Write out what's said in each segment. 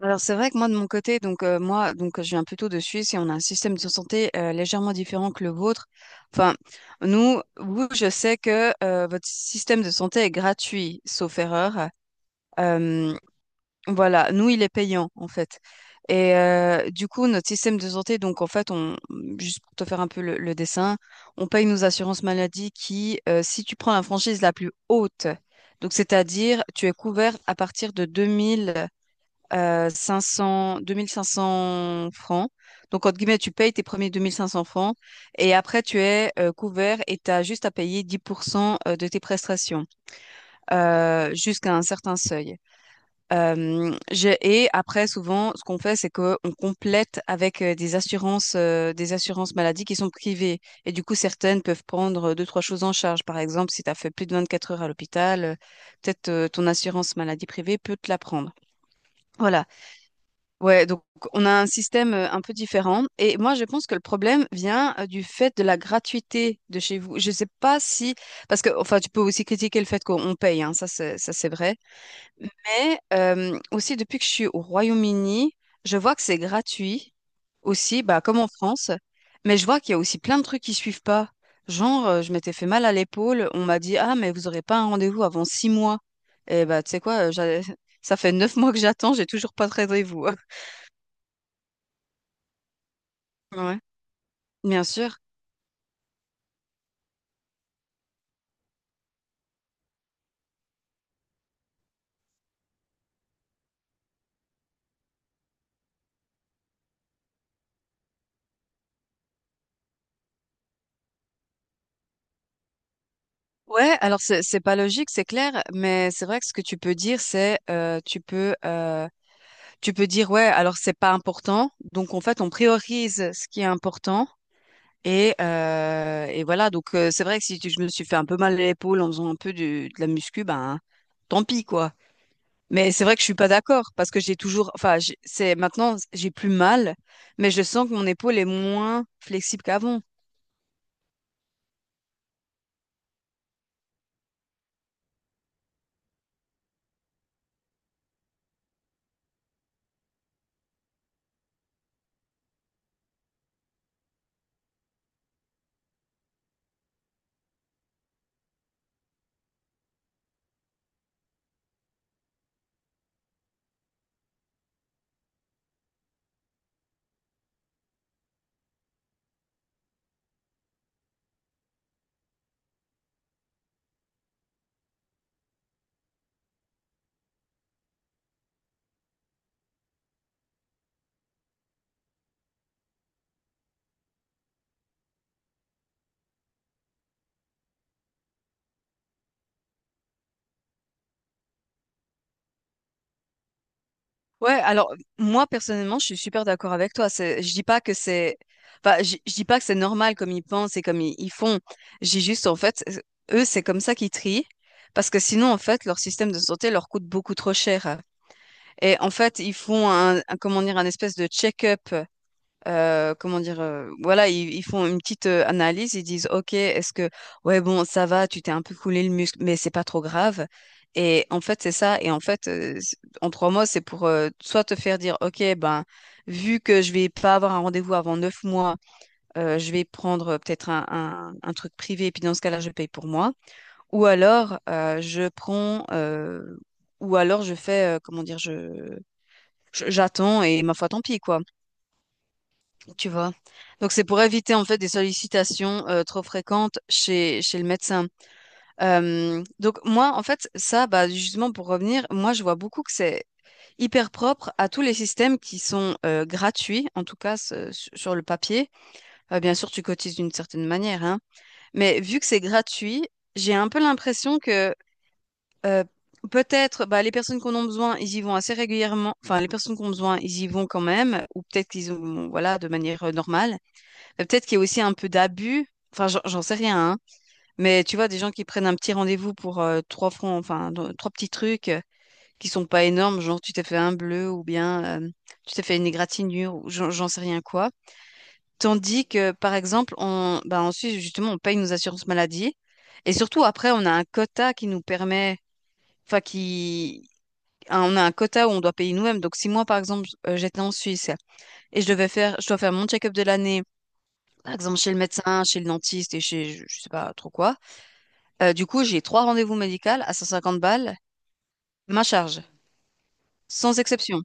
Alors c'est vrai que moi de mon côté, donc moi donc je viens plutôt de Suisse et on a un système de santé légèrement différent que le vôtre. Enfin, nous, vous, je sais que votre système de santé est gratuit, sauf erreur. Euh, voilà, nous il est payant en fait. Et du coup notre système de santé, donc en fait on juste pour te faire un peu le dessin, on paye nos assurances maladie qui, si tu prends la franchise la plus haute, donc c'est-à-dire tu es couvert à partir de 2000 500, 2500 francs. Donc, entre guillemets, tu payes tes premiers 2500 francs et après, tu es couvert et tu as juste à payer 10% de tes prestations jusqu'à un certain seuil. Et après, souvent, ce qu'on fait, c'est qu'on complète avec des assurances maladies qui sont privées. Et du coup, certaines peuvent prendre deux, trois choses en charge. Par exemple, si tu as fait plus de 24 heures à l'hôpital, peut-être ton assurance maladie privée peut te la prendre. Voilà. Ouais, donc on a un système un peu différent. Et moi, je pense que le problème vient du fait de la gratuité de chez vous. Je sais pas si. Parce que, enfin, tu peux aussi critiquer le fait qu'on paye, hein, ça c'est vrai. Mais aussi, depuis que je suis au Royaume-Uni, je vois que c'est gratuit aussi, bah, comme en France. Mais je vois qu'il y a aussi plein de trucs qui suivent pas. Genre, je m'étais fait mal à l'épaule, on m'a dit, ah, mais vous aurez pas un rendez-vous avant 6 mois. Et bah, tu sais quoi, ça fait 9 mois que j'attends, j'ai toujours pas de rendez-vous. Ouais. Bien sûr. Ouais, alors c'est pas logique, c'est clair, mais c'est vrai que ce que tu peux dire, c'est tu peux dire ouais, alors c'est pas important, donc en fait on priorise ce qui est important et voilà donc c'est vrai que si tu- je me suis fait un peu mal à l'épaule en faisant un peu de la muscu, ben tant pis quoi. Mais c'est vrai que je suis pas d'accord parce que j'ai toujours, enfin, c'est maintenant j'ai plus mal, mais je sens que mon épaule est moins flexible qu'avant. Ouais, alors moi personnellement, je suis super d'accord avec toi. Je dis pas que c'est, enfin, je dis pas que c'est normal comme ils pensent et comme ils font. J'ai juste en fait, eux, c'est comme ça qu'ils trient, parce que sinon en fait, leur système de santé leur coûte beaucoup trop cher. Et en fait, ils font comment dire, un espèce de check-up comment dire, voilà, ils font une petite analyse, ils disent, OK, est-ce que, ouais, bon, ça va, tu t'es un peu coulé le muscle, mais c'est pas trop grave. Et en fait, c'est ça. Et en fait, en 3 mois, c'est pour soit te faire dire, OK, ben, vu que je vais pas avoir un rendez-vous avant 9 mois, je vais prendre peut-être un truc privé, et puis dans ce cas-là, je paye pour moi. Ou alors, je prends, ou alors je fais, comment dire, j'attends et ma foi, tant pis, quoi. Tu vois. Donc c'est pour éviter en fait des sollicitations trop fréquentes chez le médecin. Donc moi en fait ça bah justement pour revenir, moi je vois beaucoup que c'est hyper propre à tous les systèmes qui sont gratuits en tout cas sur le papier. Bien sûr tu cotises d'une certaine manière hein, mais vu que c'est gratuit, j'ai un peu l'impression que euh, peut-être, bah, les personnes qu'on a besoin, ils y vont assez régulièrement. Enfin, les personnes qu'on a besoin, ils y vont quand même, ou peut-être qu'ils ont, bon, voilà, de manière normale. Peut-être qu'il y a aussi un peu d'abus. Enfin, j'en sais rien, hein. Mais tu vois, des gens qui prennent un petit rendez-vous pour 3 francs, enfin, trois petits trucs qui sont pas énormes, genre tu t'es fait un bleu ou bien tu t'es fait une égratignure ou j'en sais rien quoi. Tandis que, par exemple, on, bah, en Suisse, justement, on paye nos assurances maladie. Et surtout, après, on a un quota qui nous permet, enfin, qui, on a un quota où on doit payer nous-mêmes. Donc, si moi, par exemple, j'étais en Suisse et je devais faire, je dois faire mon check-up de l'année, par exemple chez le médecin, chez le dentiste et chez je sais pas trop quoi. Du coup, j'ai trois rendez-vous médicaux à 150 balles, ma charge, sans exception.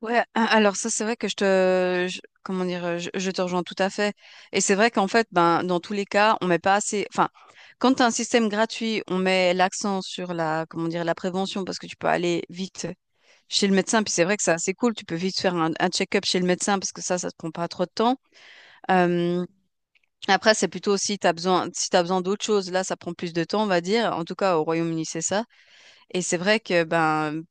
Ouais, alors ça c'est vrai que comment dire, je te rejoins tout à fait. Et c'est vrai qu'en fait, ben dans tous les cas, on met pas assez. Enfin, quand t'as un système gratuit, on met l'accent sur la comment dire la prévention parce que tu peux aller vite chez le médecin. Puis c'est vrai que c'est assez cool, tu peux vite faire un check-up chez le médecin parce que ça te prend pas trop de temps. Euh, Après, c'est plutôt si tu as besoin, si tu besoin d'autre chose. Là, ça prend plus de temps, on va dire. En tout cas, au Royaume-Uni, c'est ça. Et c'est vrai que, ben,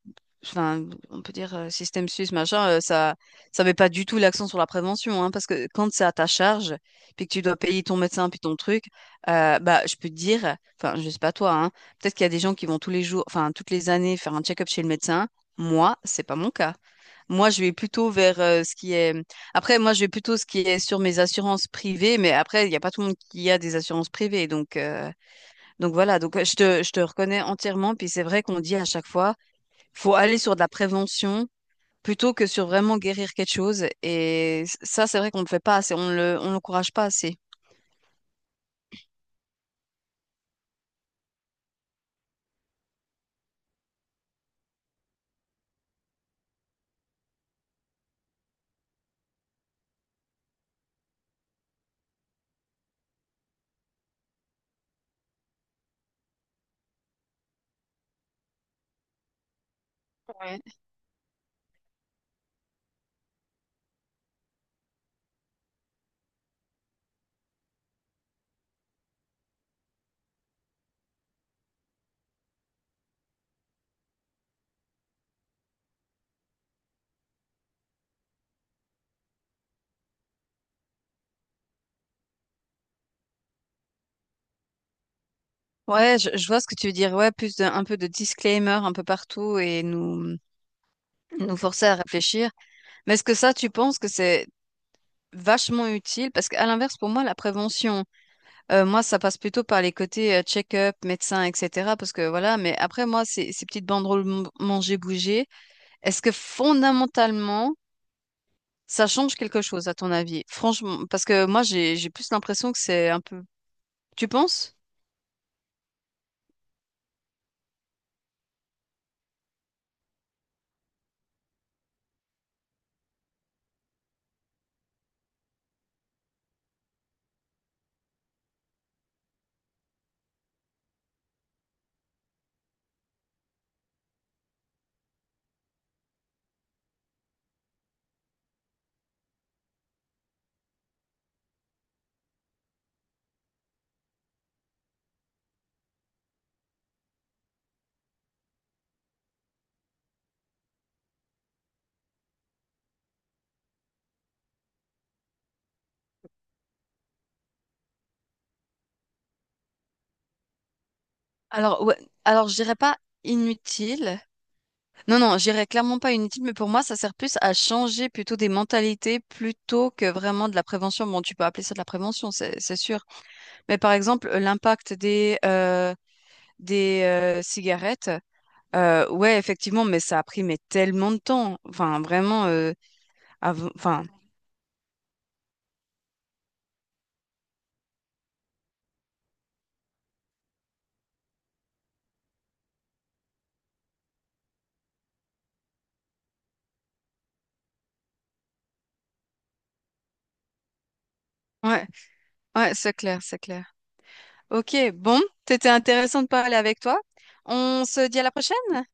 enfin, on peut dire système suisse, machin, ça met pas du tout l'accent sur la prévention, hein, parce que quand c'est à ta charge, puis que tu dois payer ton médecin, puis ton truc, bah, je peux te dire, enfin, je sais pas toi, hein, peut-être qu'il y a des gens qui vont tous les jours, enfin, toutes les années faire un check-up chez le médecin. Moi, c'est pas mon cas. Moi, je vais plutôt vers ce qui est. Après, moi, je vais plutôt ce qui est sur mes assurances privées, mais après, il n'y a pas tout le monde qui a des assurances privées, donc. Voilà, donc je te reconnais entièrement. Puis c'est vrai qu'on dit à chaque fois, faut aller sur de la prévention plutôt que sur vraiment guérir quelque chose. Et ça, c'est vrai qu'on ne le fait pas assez, on l'encourage pas assez. Ouais, ouais, je vois ce que tu veux dire. Ouais, plus de, un peu de disclaimer un peu partout et nous, nous forcer à réfléchir. Mais est-ce que ça, tu penses que c'est vachement utile parce qu'à l'inverse, pour moi, la prévention, moi, ça passe plutôt par les côtés check-up, médecin, etc. Parce que voilà, mais après, moi, ces petites banderoles manger, bouger, est-ce que fondamentalement, ça change quelque chose à ton avis? Franchement, parce que moi, j'ai plus l'impression que c'est un peu. Tu penses? Alors, ouais, alors je dirais pas inutile. Non, non, je dirais clairement pas inutile, mais pour moi, ça sert plus à changer plutôt des mentalités plutôt que vraiment de la prévention. Bon, tu peux appeler ça de la prévention, c'est sûr. Mais par exemple, l'impact des cigarettes, ouais, effectivement, mais ça a pris mais tellement de temps. Enfin, vraiment, enfin, ouais, ouais, c'est clair, c'est clair. Ok, bon, c'était intéressant de parler avec toi. On se dit à la prochaine.